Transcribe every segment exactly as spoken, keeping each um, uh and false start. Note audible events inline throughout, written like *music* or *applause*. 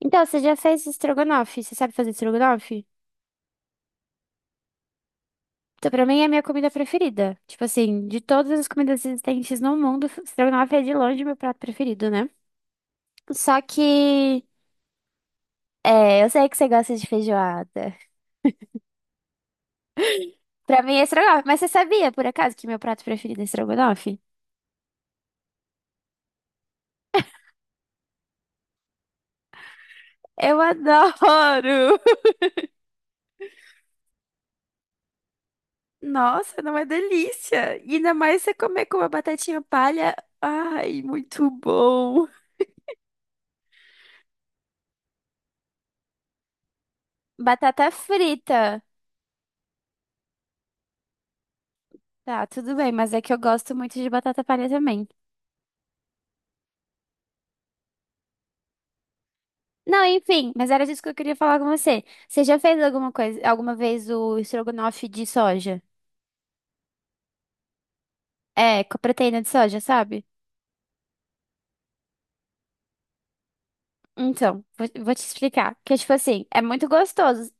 Então, você já fez estrogonofe? Você sabe fazer estrogonofe? Então, pra mim é a minha comida preferida. Tipo assim, de todas as comidas existentes no mundo, *laughs* estrogonofe é de longe meu prato preferido, né? Só que, é, eu sei que você gosta de feijoada. Pra mim é estrogonofe, mas você sabia, por acaso, que meu prato preferido é estrogonofe? Eu adoro! *laughs* Nossa, não é delícia! E ainda mais você comer com uma batatinha palha. Ai, muito bom! Batata frita. Tá, tudo bem, mas é que eu gosto muito de batata palha também. Não, enfim, mas era disso que eu queria falar com você. Você já fez alguma coisa, alguma vez o estrogonofe de soja? É, com a proteína de soja, sabe? Então, vou, vou te explicar. Que, tipo assim, é muito gostoso.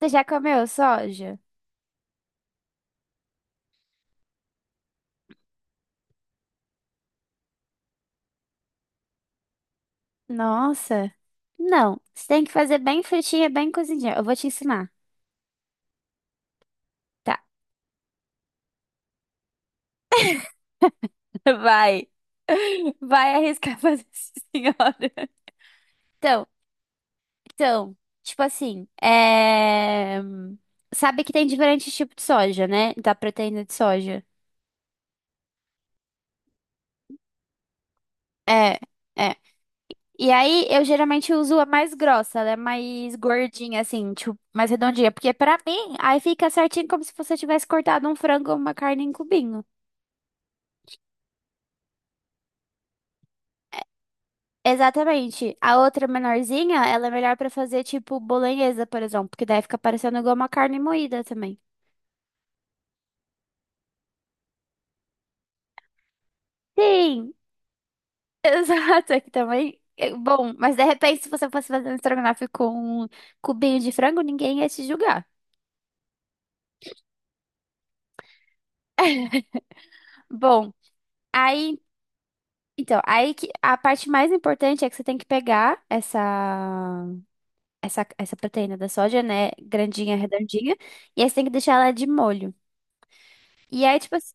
Você já comeu soja? Nossa. Não, você tem que fazer bem fritinha, bem cozidinha. Eu vou te ensinar. Tá, *laughs* vai. Vai arriscar *laughs* fazer isso, senhora. Então, Então, tipo assim, é... sabe que tem diferentes tipos de soja, né? Da proteína de soja. É, é. E aí, eu geralmente uso a mais grossa, ela é mais gordinha, assim, tipo, mais redondinha. Porque pra mim, aí fica certinho como se você tivesse cortado um frango ou uma carne em cubinho. Exatamente. A outra menorzinha, ela é melhor pra fazer, tipo, bolonhesa, por exemplo. Porque daí fica parecendo igual uma carne moída também. Sim, exato, aqui também. é Bom, mas de repente, se você fosse fazer um estrogonofe com um cubinho de frango, ninguém ia te julgar. *laughs* Bom, aí, então, aí que a parte mais importante é que você tem que pegar essa essa essa proteína da soja, né, grandinha, redondinha, e aí você tem que deixar ela de molho. E aí, tipo, assim,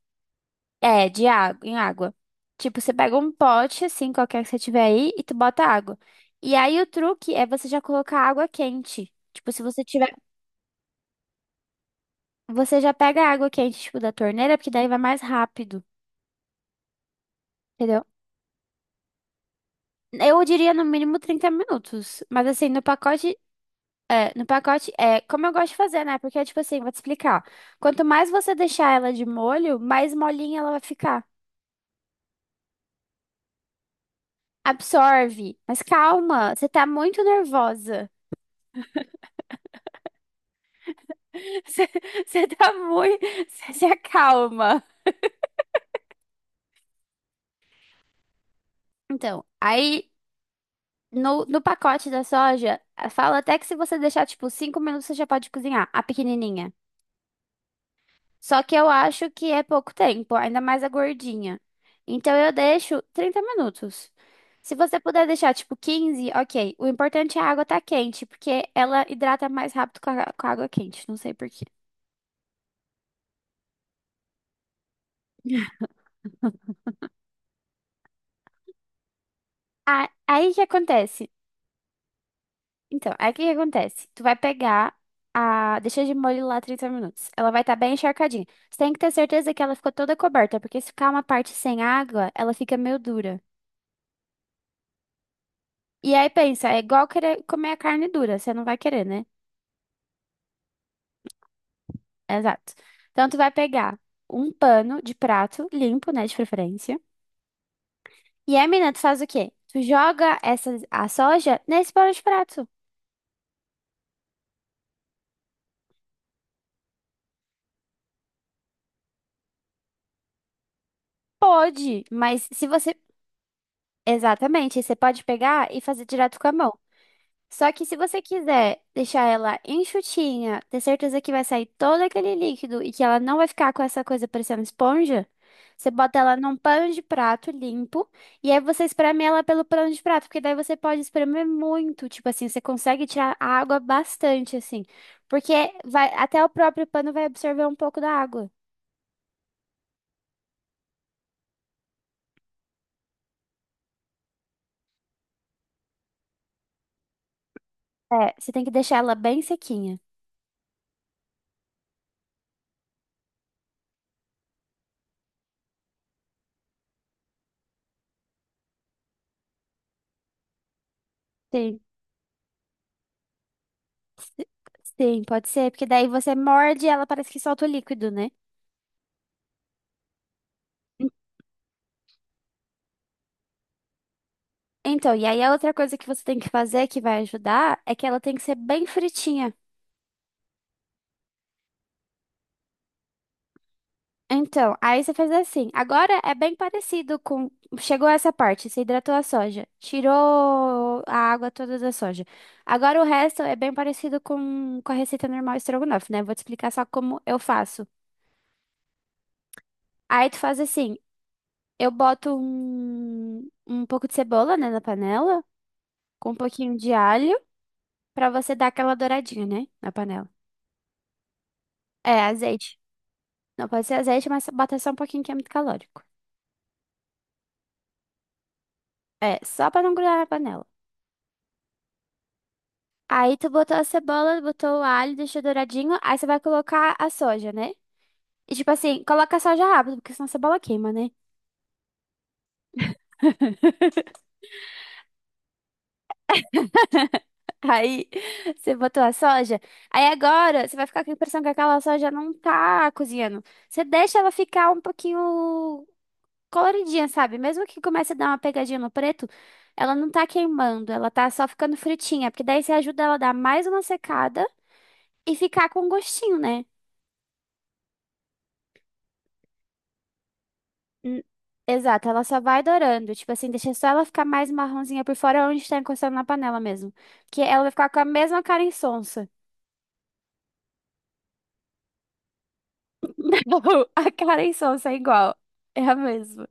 é, de água, em água. Tipo, você pega um pote assim, qualquer que você tiver aí, e tu bota água. E aí o truque é você já colocar água quente. Tipo, se você tiver Você já pega a água quente, tipo, da torneira, porque daí vai mais rápido, entendeu? Eu diria no mínimo trinta minutos. Mas assim, no pacote. É, no pacote, é como eu gosto de fazer, né? Porque, tipo assim, vou te explicar. Quanto mais você deixar ela de molho, mais molinha ela vai ficar. Absorve. Mas calma, você tá muito nervosa. *laughs* Você, você tá muito. Você se acalma. Então, aí no, no pacote da soja, fala até que se você deixar, tipo, cinco minutos, você já pode cozinhar a pequenininha. Só que eu acho que é pouco tempo, ainda mais a gordinha. Então eu deixo trinta minutos. Se você puder deixar tipo quinze, ok. O importante é a água tá quente, porque ela hidrata mais rápido com a, com a água quente. Não sei por quê. *laughs* Ah, aí que acontece? Então, aí que que acontece? Tu vai pegar a. Deixa de molho lá trinta minutos. Ela vai estar bem encharcadinha. Você tem que ter certeza que ela ficou toda coberta, porque se ficar uma parte sem água, ela fica meio dura. E aí pensa, é igual querer comer a carne dura, você não vai querer, né? Exato. Então, tu vai pegar um pano de prato limpo, né, de preferência. E aí, menina, tu faz o quê? Tu joga essa, a soja nesse pano de prato. Pode, mas se você... Exatamente, você pode pegar e fazer direto com a mão. Só que se você quiser deixar ela enxutinha, ter certeza que vai sair todo aquele líquido e que ela não vai ficar com essa coisa parecendo esponja, você bota ela num pano de prato limpo e aí você espreme ela pelo pano de prato, porque daí você pode espremer muito, tipo assim, você consegue tirar a água bastante assim, porque vai até o próprio pano vai absorver um pouco da água. É, você tem que deixar ela bem sequinha. Sim. Sim, pode ser, porque daí você morde e ela parece que solta o líquido, né? Então, e aí a outra coisa que você tem que fazer que vai ajudar é que ela tem que ser bem fritinha. Então, aí você faz assim. Agora é bem parecido com. Chegou essa parte, você hidratou a soja, tirou a água toda da soja. Agora o resto é bem parecido com, com a receita normal estrogonofe, né? Vou te explicar só como eu faço. Aí tu faz assim: eu boto um, um pouco de cebola, né, na panela, com um pouquinho de alho, pra você dar aquela douradinha, né, na panela. É, azeite. Não pode ser azeite, mas bota só um pouquinho que é muito calórico. É, só pra não grudar na panela. Aí tu botou a cebola, botou o alho, deixou douradinho. Aí você vai colocar a soja, né? E tipo assim, coloca a soja rápido, porque senão a cebola queima, né? *laughs* Aí você botou a soja. Aí agora você vai ficar com a impressão que aquela soja não tá cozinhando. Você deixa ela ficar um pouquinho coloridinha, sabe? Mesmo que comece a dar uma pegadinha no preto, ela não tá queimando, ela tá só ficando fritinha, porque daí você ajuda ela a dar mais uma secada. E ficar com gostinho, né? Hum, exato, ela só vai dourando. Tipo assim, deixa só ela ficar mais marronzinha por fora onde está encostando na panela mesmo. Que ela vai ficar com a mesma cara insonsa. *laughs* A cara insonsa é igual. É a mesma.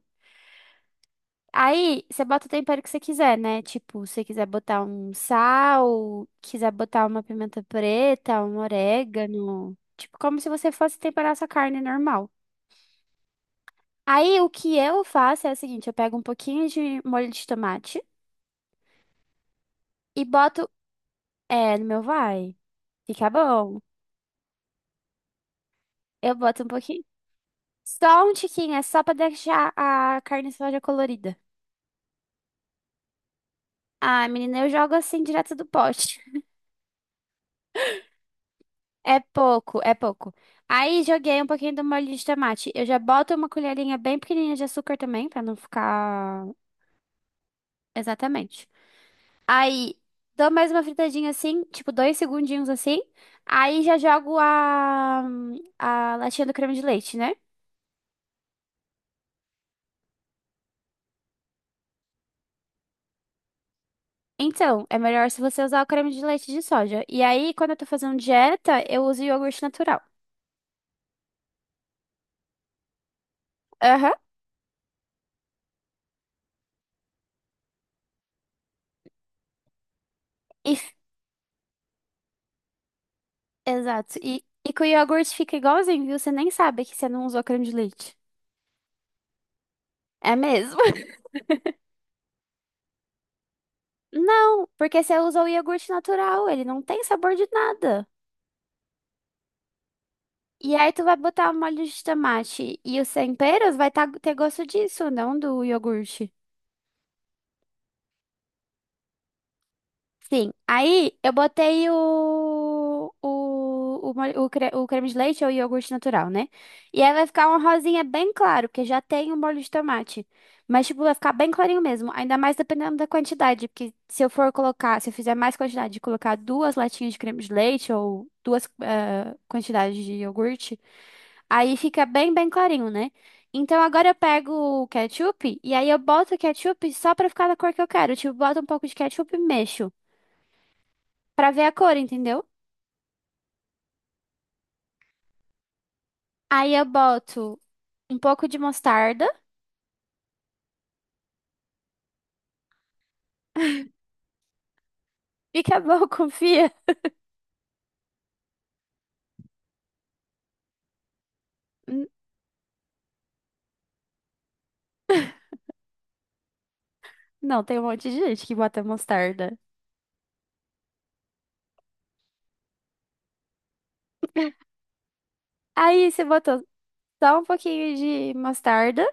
Aí, você bota o tempero que você quiser, né? Tipo, se você quiser botar um sal, quiser botar uma pimenta preta, um orégano. Tipo, como se você fosse temperar sua carne normal. Aí, o que eu faço é o seguinte: eu pego um pouquinho de molho de tomate e boto. É, no meu vai. Fica bom. Eu boto um pouquinho. Só um tiquinho, é só pra deixar a carne soja colorida. Ah, menina, eu jogo assim direto do pote. *laughs* É pouco, é pouco. Aí joguei um pouquinho do molho de tomate. Eu já boto uma colherinha bem pequenininha de açúcar também, pra não ficar exatamente. Aí dou mais uma fritadinha assim, tipo dois segundinhos assim. Aí já jogo a, a latinha do creme de leite, né? Então, é melhor se você usar o creme de leite de soja. E aí, quando eu tô fazendo dieta, eu uso iogurte natural. Aham. E- f- Exato. E, e com o iogurte fica igualzinho, viu? Você nem sabe que você não usou creme de leite. É mesmo? *laughs* Não, porque você usa o iogurte natural, ele não tem sabor de nada. E aí tu vai botar o molho de tomate e os temperos vai tá- ter gosto disso, não do iogurte. Sim. Aí eu botei o, o, o, mole- o, cre- o creme de leite ou iogurte natural, né? E aí vai ficar uma rosinha bem claro, porque já tem o molho de tomate. Mas, tipo, vai ficar bem clarinho mesmo. Ainda mais dependendo da quantidade. Porque se eu for colocar, se eu fizer mais quantidade de colocar duas latinhas de creme de leite ou duas eh, quantidades de iogurte, aí fica bem, bem clarinho, né? Então agora eu pego o ketchup e aí eu boto o ketchup só pra ficar da cor que eu quero. Tipo, boto um pouco de ketchup e mexo pra ver a cor, entendeu? Aí eu boto um pouco de mostarda. E acabou, *laughs* confia. N- Não, tem um monte de gente que bota mostarda. Aí você botou só um pouquinho de mostarda,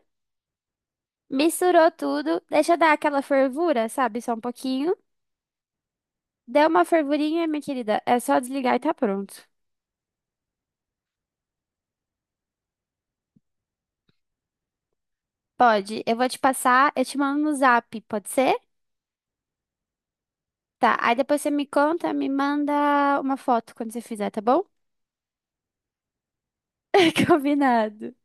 misturou tudo, deixa dar aquela fervura, sabe? Só um pouquinho. Deu uma fervurinha, minha querida. É só desligar e tá pronto. Pode, eu vou te passar, eu te mando no zap, pode ser? Tá, aí depois você me conta, me manda uma foto quando você fizer, tá bom? *laughs* Combinado.